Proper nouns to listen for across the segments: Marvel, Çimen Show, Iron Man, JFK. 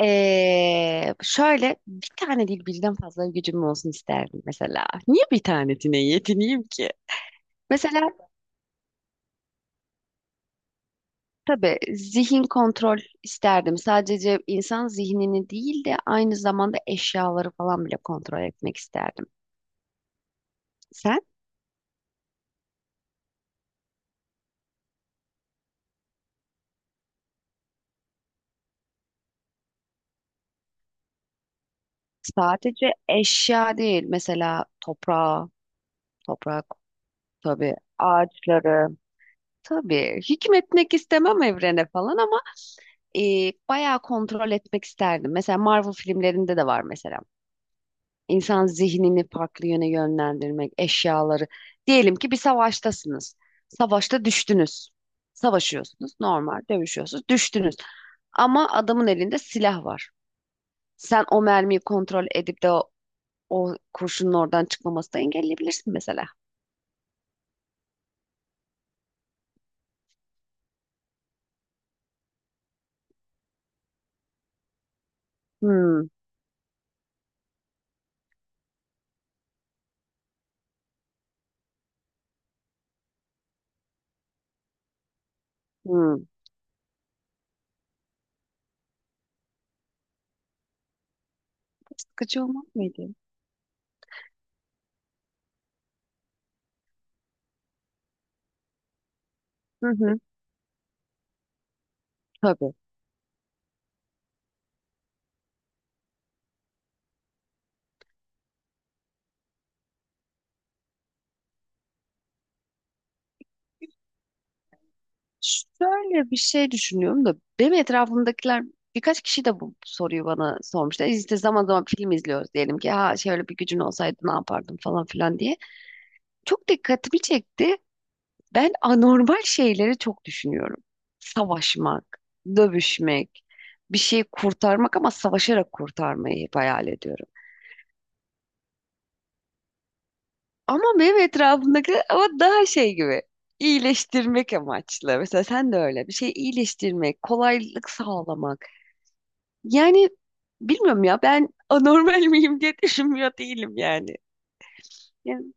Şöyle bir tane değil birden fazla gücüm olsun isterdim mesela. Niye bir tanesine yetineyim ki? Mesela tabii zihin kontrol isterdim. Sadece insan zihnini değil de aynı zamanda eşyaları falan bile kontrol etmek isterdim. Sen sadece eşya değil mesela toprağı, toprak tabii ağaçları. Tabii hükmetmek istemem evrene falan ama bayağı kontrol etmek isterdim. Mesela Marvel filmlerinde de var mesela. İnsan zihnini farklı yöne yönlendirmek, eşyaları. Diyelim ki bir savaştasınız. Savaşta düştünüz. Savaşıyorsunuz, normal dövüşüyorsunuz, düştünüz. Ama adamın elinde silah var. Sen o mermiyi kontrol edip de o kurşunun oradan çıkmamasını da engelleyebilirsin mesela. Hmm, hmm. Sıkıcı olmaz mıydı? Hı hı, tabii. Şöyle bir şey düşünüyorum da benim etrafımdakiler birkaç kişi de bu soruyu bana sormuştu. İşte zaman zaman film izliyoruz diyelim ki ha şöyle bir gücün olsaydı ne yapardın falan filan diye. Çok dikkatimi çekti. Ben anormal şeyleri çok düşünüyorum. Savaşmak, dövüşmek, bir şeyi kurtarmak ama savaşarak kurtarmayı hep hayal ediyorum. Ama benim etrafımdakiler ama daha şey gibi iyileştirmek amaçlı. Mesela sen de öyle bir şey iyileştirmek, kolaylık sağlamak. Yani bilmiyorum ya ben anormal miyim diye düşünmüyor değilim yani. Yani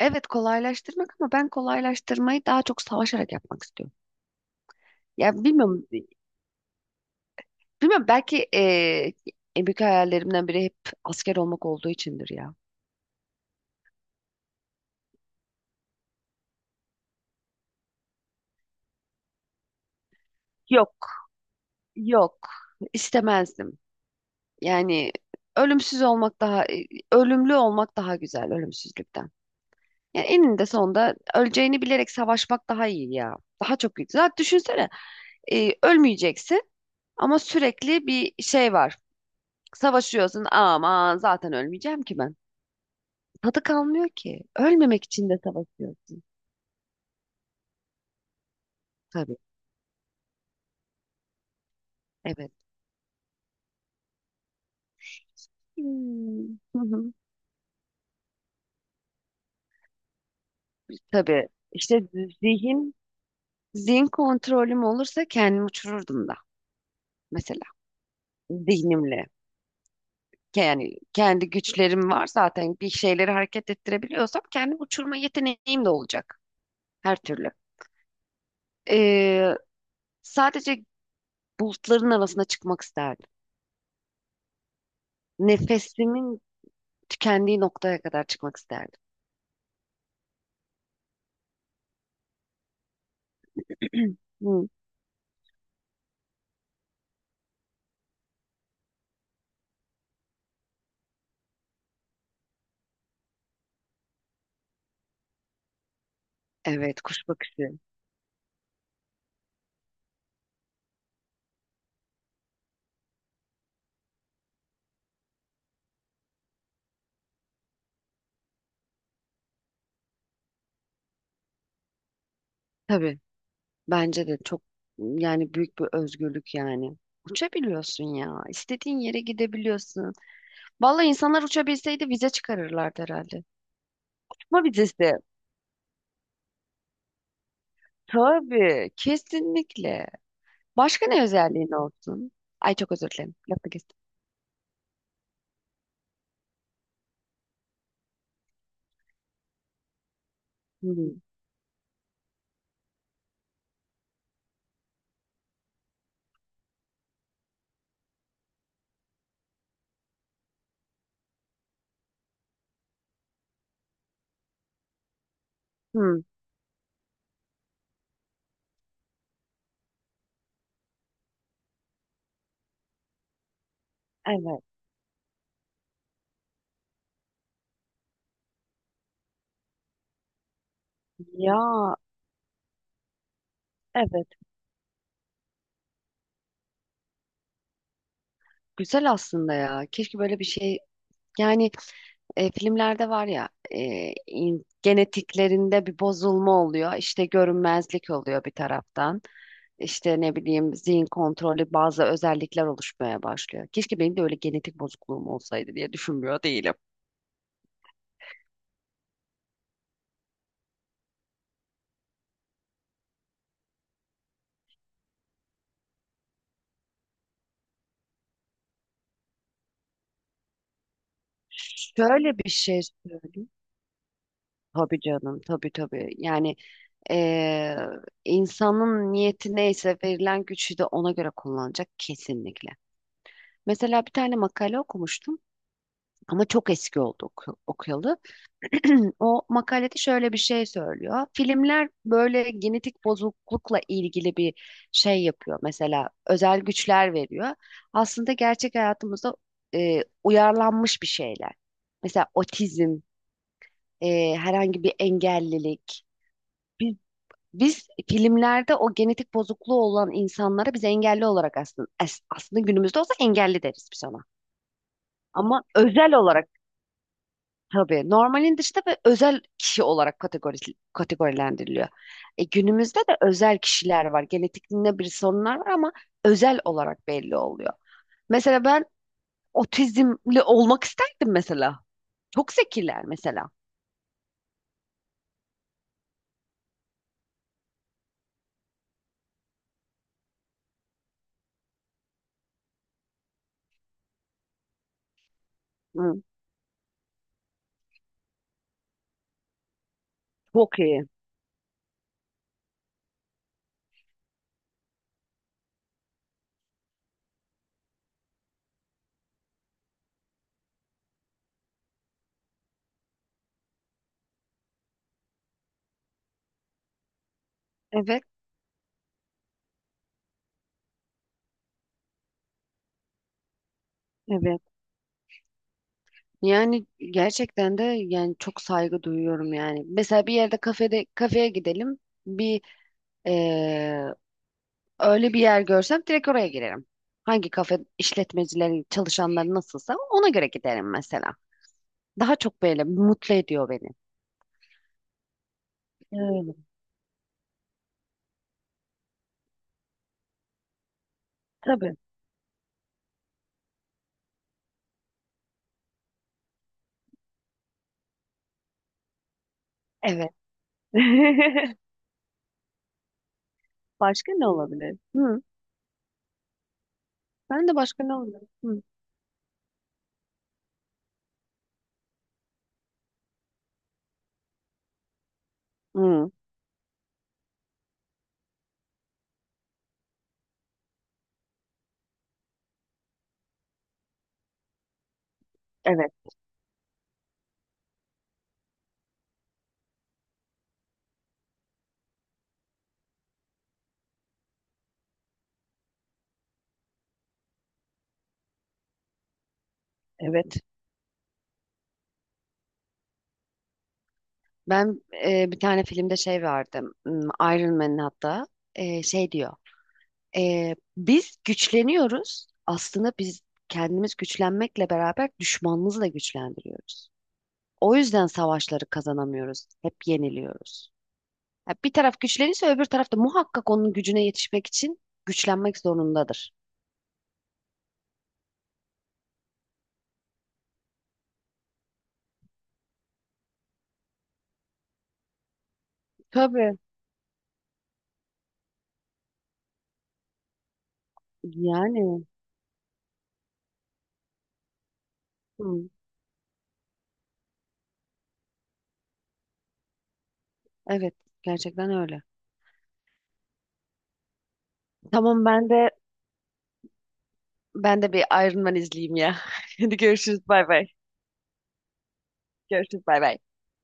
evet kolaylaştırmak ama ben kolaylaştırmayı daha çok savaşarak yapmak istiyorum. Ya bilmiyorum, belki en büyük hayallerimden biri hep asker olmak olduğu içindir ya. Yok, yok, istemezdim. Yani ölümsüz olmak daha, ölümlü olmak daha güzel ölümsüzlükten. Yani eninde sonunda öleceğini bilerek savaşmak daha iyi ya. Daha çok güzel. Zaten düşünsene ölmeyeceksin. Ama sürekli bir şey var. Savaşıyorsun. Aman zaten ölmeyeceğim ki ben. Tadı kalmıyor ki. Ölmemek için de savaşıyorsun. Tabii. Evet. Hmm. Hı hı. Tabii. İşte zihin, zihin kontrolüm olursa kendimi uçururdum da. Mesela zihnimle. Yani kendi güçlerim var zaten bir şeyleri hareket ettirebiliyorsam kendimi uçurma yeteneğim de olacak. Her türlü. Ee, Sadece bulutların arasına çıkmak isterdim. Nefesimin tükendiği noktaya kadar çıkmak isterdim. Hı. Evet, kuş bakışı. Tabii. Bence de çok yani büyük bir özgürlük yani. Uçabiliyorsun ya. İstediğin yere gidebiliyorsun. Vallahi insanlar uçabilseydi vize çıkarırlardı herhalde. Uçma vizesi. Tabii. Kesinlikle. Başka ne özelliğin olsun? Ay çok özür dilerim. Lafı kestim. Hı. Hı. Evet. Ya evet. Güzel aslında ya. Keşke böyle bir şey yani filmlerde var ya genetiklerinde bir bozulma oluyor. İşte görünmezlik oluyor bir taraftan. İşte ne bileyim zihin kontrolü bazı özellikler oluşmaya başlıyor. Keşke benim de öyle genetik bozukluğum olsaydı diye düşünmüyor değilim. Şöyle bir şey söyleyeyim. Tabii canım, tabii, tabii. Yani e, insanın niyeti neyse verilen gücü de ona göre kullanacak kesinlikle. Mesela bir tane makale okumuştum ama çok eski oldu okuyalı. O makalede şöyle bir şey söylüyor. Filmler böyle genetik bozuklukla ilgili bir şey yapıyor. Mesela özel güçler veriyor. Aslında gerçek hayatımızda uyarlanmış bir şeyler. Mesela otizm, herhangi bir engellilik. Biz, biz filmlerde o genetik bozukluğu olan insanlara biz engelli olarak aslında aslında günümüzde olsa engelli deriz biz ona. Ama özel olarak tabii normalin dışında ve özel kişi olarak kategorilendiriliyor. E, günümüzde de özel kişiler var. Genetik ne birisi onlar var ama özel olarak belli oluyor. Mesela ben otizmli olmak isterdim mesela. Çok zekiler mesela. Hı, çok iyi. Evet, evet. Yani gerçekten de yani çok saygı duyuyorum yani. Mesela bir yerde kafeye gidelim. Bir öyle bir yer görsem direkt oraya girerim. Hangi kafe işletmecilerin çalışanları nasılsa ona göre giderim mesela. Daha çok böyle mutlu ediyor beni. Öyle. Tabii. Evet. Başka ne olabilir? Hı. Ben de başka ne oldu? Hı. Hı. Evet. Evet. Ben bir tane filmde şey vardı. Iron Man'in hatta şey diyor. Biz güçleniyoruz. Aslında biz kendimiz güçlenmekle beraber düşmanımızı da güçlendiriyoruz. O yüzden savaşları kazanamıyoruz. Hep yeniliyoruz. Ya bir taraf güçlenirse öbür taraf da muhakkak onun gücüne yetişmek için güçlenmek zorundadır. Tabii. Yani hı, evet, gerçekten öyle. Tamam, ben de bir Iron Man izleyeyim ya. Hadi görüşürüz, bay bay. Görüşürüz, bay bay.